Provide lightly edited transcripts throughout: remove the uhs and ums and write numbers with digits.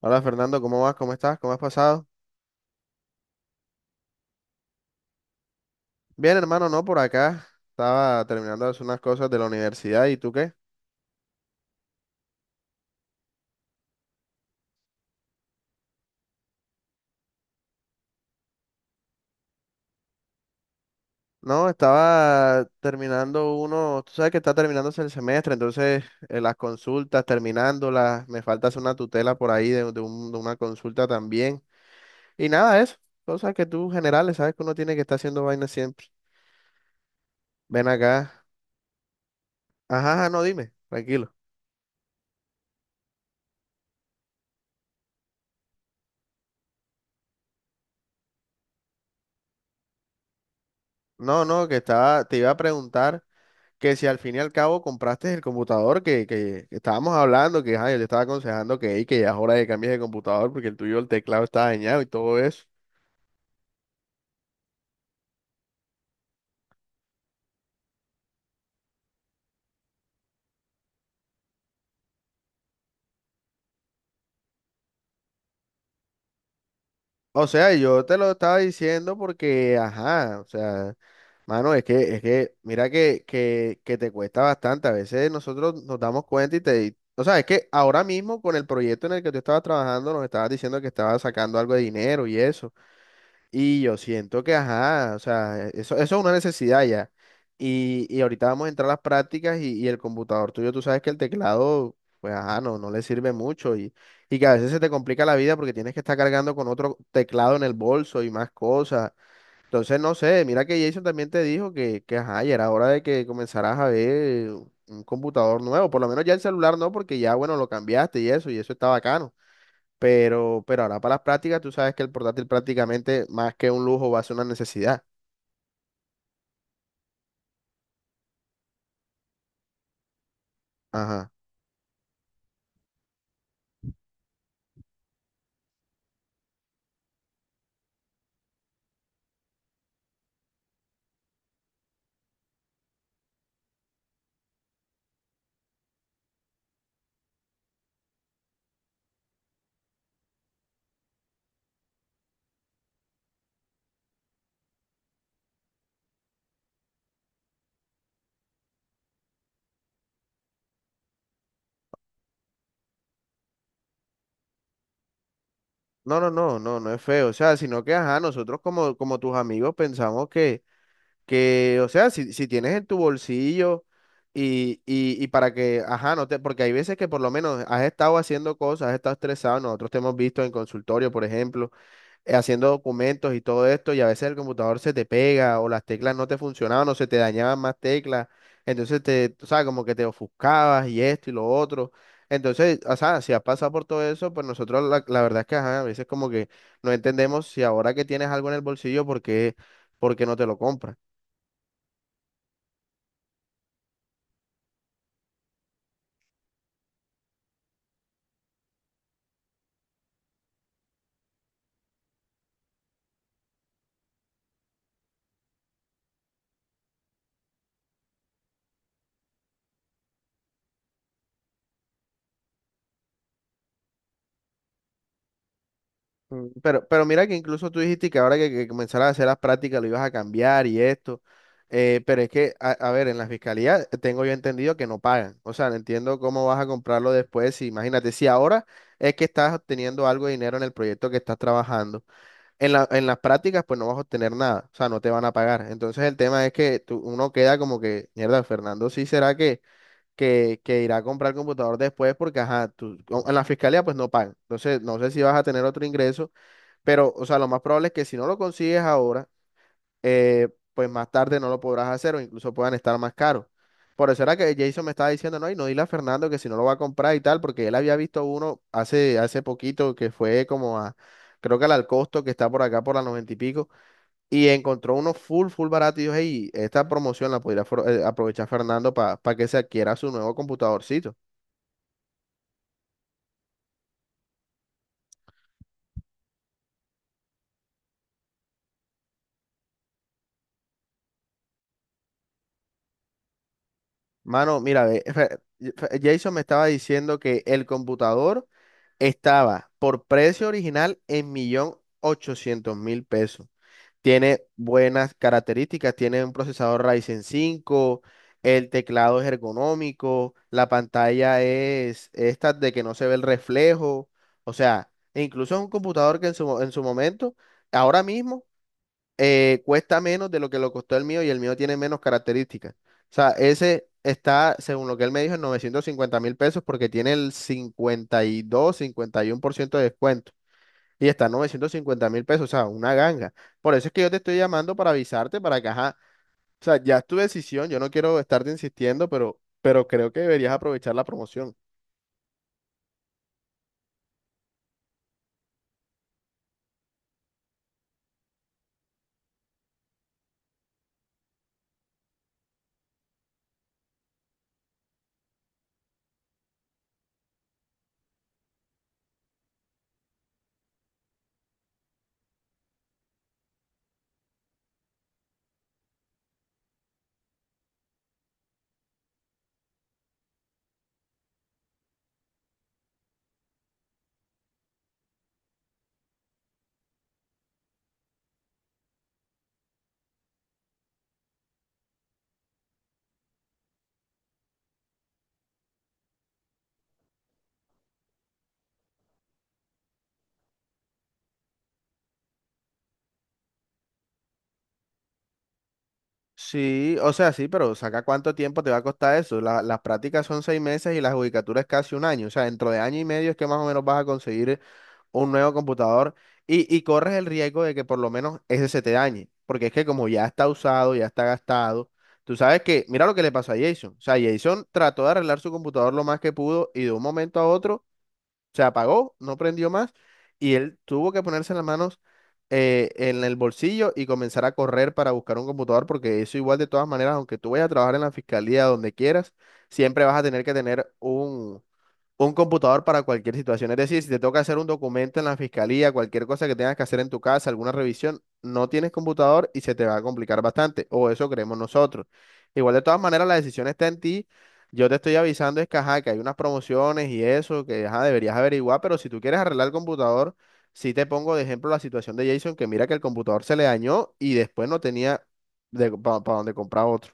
Hola Fernando, ¿cómo vas? ¿Cómo estás? ¿Cómo has pasado? Bien, hermano, no, por acá. Estaba terminando de hacer unas cosas de la universidad. ¿Y tú qué? No, estaba terminando uno, tú sabes que está terminándose el semestre, entonces las consultas, terminándolas, me falta hacer una tutela por ahí de una consulta también. Y nada, eso, cosas que tú generales, sabes que uno tiene que estar haciendo vainas siempre. Ven acá. Ajá, ajá, no, dime, tranquilo. No, no, que estaba, te iba a preguntar que si al fin y al cabo compraste el computador que estábamos hablando, que ajá, yo te estaba aconsejando que, "Ey, que ya es hora de cambiar de computador porque el tuyo, el teclado está dañado y todo eso". O sea, yo te lo estaba diciendo porque, ajá, o sea, mano, es que, mira que te cuesta bastante. A veces nosotros nos damos cuenta y o sea, es que ahora mismo con el proyecto en el que tú estabas trabajando nos estabas diciendo que estabas sacando algo de dinero y eso. Y yo siento que, ajá, o sea, eso es una necesidad ya. Y ahorita vamos a entrar a las prácticas y el computador tuyo, tú sabes que el teclado, pues, ajá, no le sirve mucho, y que a veces se te complica la vida porque tienes que estar cargando con otro teclado en el bolso y más cosas. Entonces, no sé, mira que Jason también te dijo que, ajá, ya era hora de que comenzaras a ver un computador nuevo. Por lo menos ya el celular no, porque ya, bueno, lo cambiaste y eso está bacano. Pero ahora para las prácticas, tú sabes que el portátil prácticamente más que un lujo va a ser una necesidad. Ajá. No, no, no, no, no es feo. O sea, sino que, ajá, nosotros como tus amigos pensamos que, o sea, si tienes en tu bolsillo, y para que, ajá, no te, porque hay veces que por lo menos has estado haciendo cosas, has estado estresado, nosotros te hemos visto en consultorio, por ejemplo, haciendo documentos y todo esto, y a veces el computador se te pega o las teclas no te funcionaban o se te dañaban más teclas, entonces tú sabes, como que te ofuscabas y esto y lo otro. Entonces, o sea, si has pasado por todo eso, pues nosotros la verdad es que ajá, a veces como que no entendemos si ahora que tienes algo en el bolsillo, ¿por qué no te lo compras? Pero mira que incluso tú dijiste que ahora que comenzaras a hacer las prácticas lo ibas a cambiar y esto. Pero es que, a ver, en la fiscalía tengo yo entendido que no pagan. O sea, no entiendo cómo vas a comprarlo después. Si, imagínate, si ahora es que estás obteniendo algo de dinero en el proyecto que estás trabajando, en las prácticas pues no vas a obtener nada. O sea, no te van a pagar. Entonces el tema es que uno queda como que, mierda, Fernando, sí será que irá a comprar computador después porque, ajá, tú, en la fiscalía pues no pagan. Entonces, no sé si vas a tener otro ingreso, pero, o sea, lo más probable es que si no lo consigues ahora, eh, pues más tarde no lo podrás hacer o incluso puedan estar más caros. Por eso era que Jason me estaba diciendo, no, y no dile a Fernando que si no lo va a comprar y tal, porque él había visto uno hace poquito que fue como creo que al Alcosto, que está por acá por la noventa y pico, y encontró uno full, full barato y dijo, hey, esta promoción la podría aprovechar Fernando para que se adquiera su nuevo computadorcito. Mano, mira, ve, Jason me estaba diciendo que el computador estaba por precio original en $1.800.000. Tiene buenas características, tiene un procesador Ryzen 5, el teclado es ergonómico, la pantalla es esta de que no se ve el reflejo, o sea, e incluso es un computador que en su momento, ahora mismo, cuesta menos de lo que lo costó el mío y el mío tiene menos características. O sea, ese está, según lo que él me dijo, en $950.000 porque tiene el cincuenta cincuenta y dos 51% de descuento. Y está en $950.000, o sea, una ganga. Por eso es que yo te estoy llamando para avisarte, para que, ajá, o sea, ya es tu decisión, yo no quiero estarte insistiendo, pero, creo que deberías aprovechar la promoción. Sí, o sea, sí, pero saca cuánto tiempo te va a costar eso. Las prácticas son 6 meses y la judicatura es casi un año. O sea, dentro de año y medio es que más o menos vas a conseguir un nuevo computador, y corres el riesgo de que por lo menos ese se te dañe. Porque es que como ya está usado, ya está gastado, tú sabes que, mira lo que le pasó a Jason. O sea, Jason trató de arreglar su computador lo más que pudo y de un momento a otro se apagó, no prendió más y él tuvo que ponerse las manos, en el bolsillo y comenzar a correr para buscar un computador, porque eso igual de todas maneras, aunque tú vayas a trabajar en la fiscalía donde quieras, siempre vas a tener que tener un computador para cualquier situación. Es decir, si te toca hacer un documento en la fiscalía, cualquier cosa que tengas que hacer en tu casa, alguna revisión, no tienes computador y se te va a complicar bastante. O eso creemos nosotros. Igual de todas maneras, la decisión está en ti. Yo te estoy avisando es que, ajá, que hay unas promociones y eso, que ajá, deberías averiguar, pero si tú quieres arreglar el computador, sí te pongo de ejemplo la situación de Jason, que mira que el computador se le dañó y después no tenía para donde comprar otro.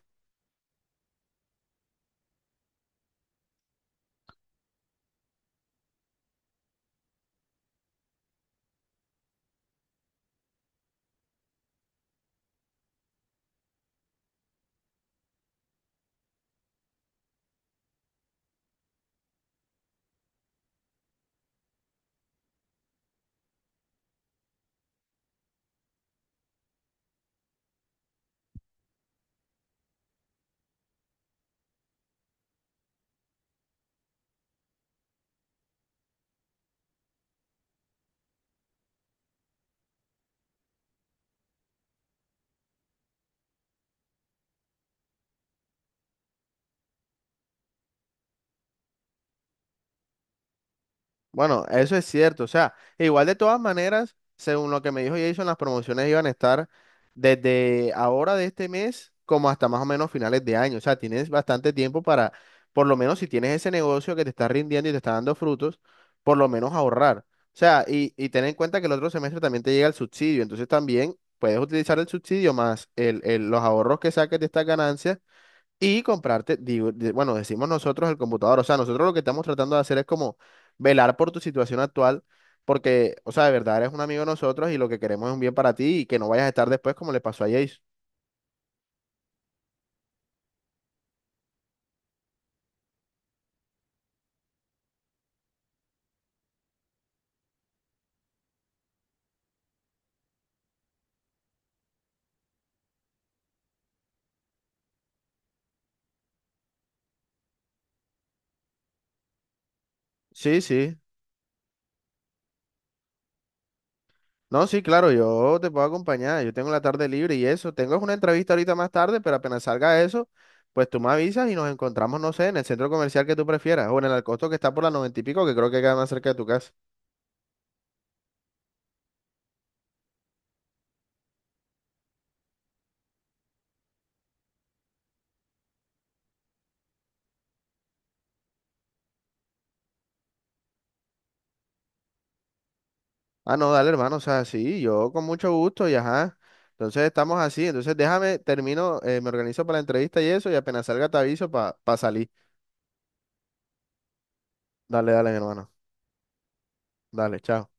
Bueno, eso es cierto. O sea, igual de todas maneras, según lo que me dijo Jason, las promociones iban a estar desde ahora de este mes como hasta más o menos finales de año. O sea, tienes bastante tiempo para, por lo menos si tienes ese negocio que te está rindiendo y te está dando frutos, por lo menos ahorrar. O sea, y ten en cuenta que el otro semestre también te llega el subsidio. Entonces también puedes utilizar el subsidio más los ahorros que saques de estas ganancias y comprarte, digo, bueno, decimos nosotros el computador, o sea, nosotros lo que estamos tratando de hacer es como velar por tu situación actual, porque, o sea, de verdad eres un amigo de nosotros y lo que queremos es un bien para ti y que no vayas a estar después como le pasó a Jace. Sí, sí. No, sí, claro, yo te puedo acompañar, yo tengo la tarde libre y eso, tengo una entrevista ahorita más tarde, pero apenas salga eso, pues tú me avisas y nos encontramos, no sé, en el centro comercial que tú prefieras o en el Alcosto que está por la noventa y pico, que creo que queda más cerca de tu casa. Ah, no, dale, hermano, o sea, sí, yo con mucho gusto y ajá. Entonces estamos así, entonces déjame, termino, me organizo para la entrevista y eso, y apenas salga te aviso para salir. Dale, dale, mi hermano. Dale, chao.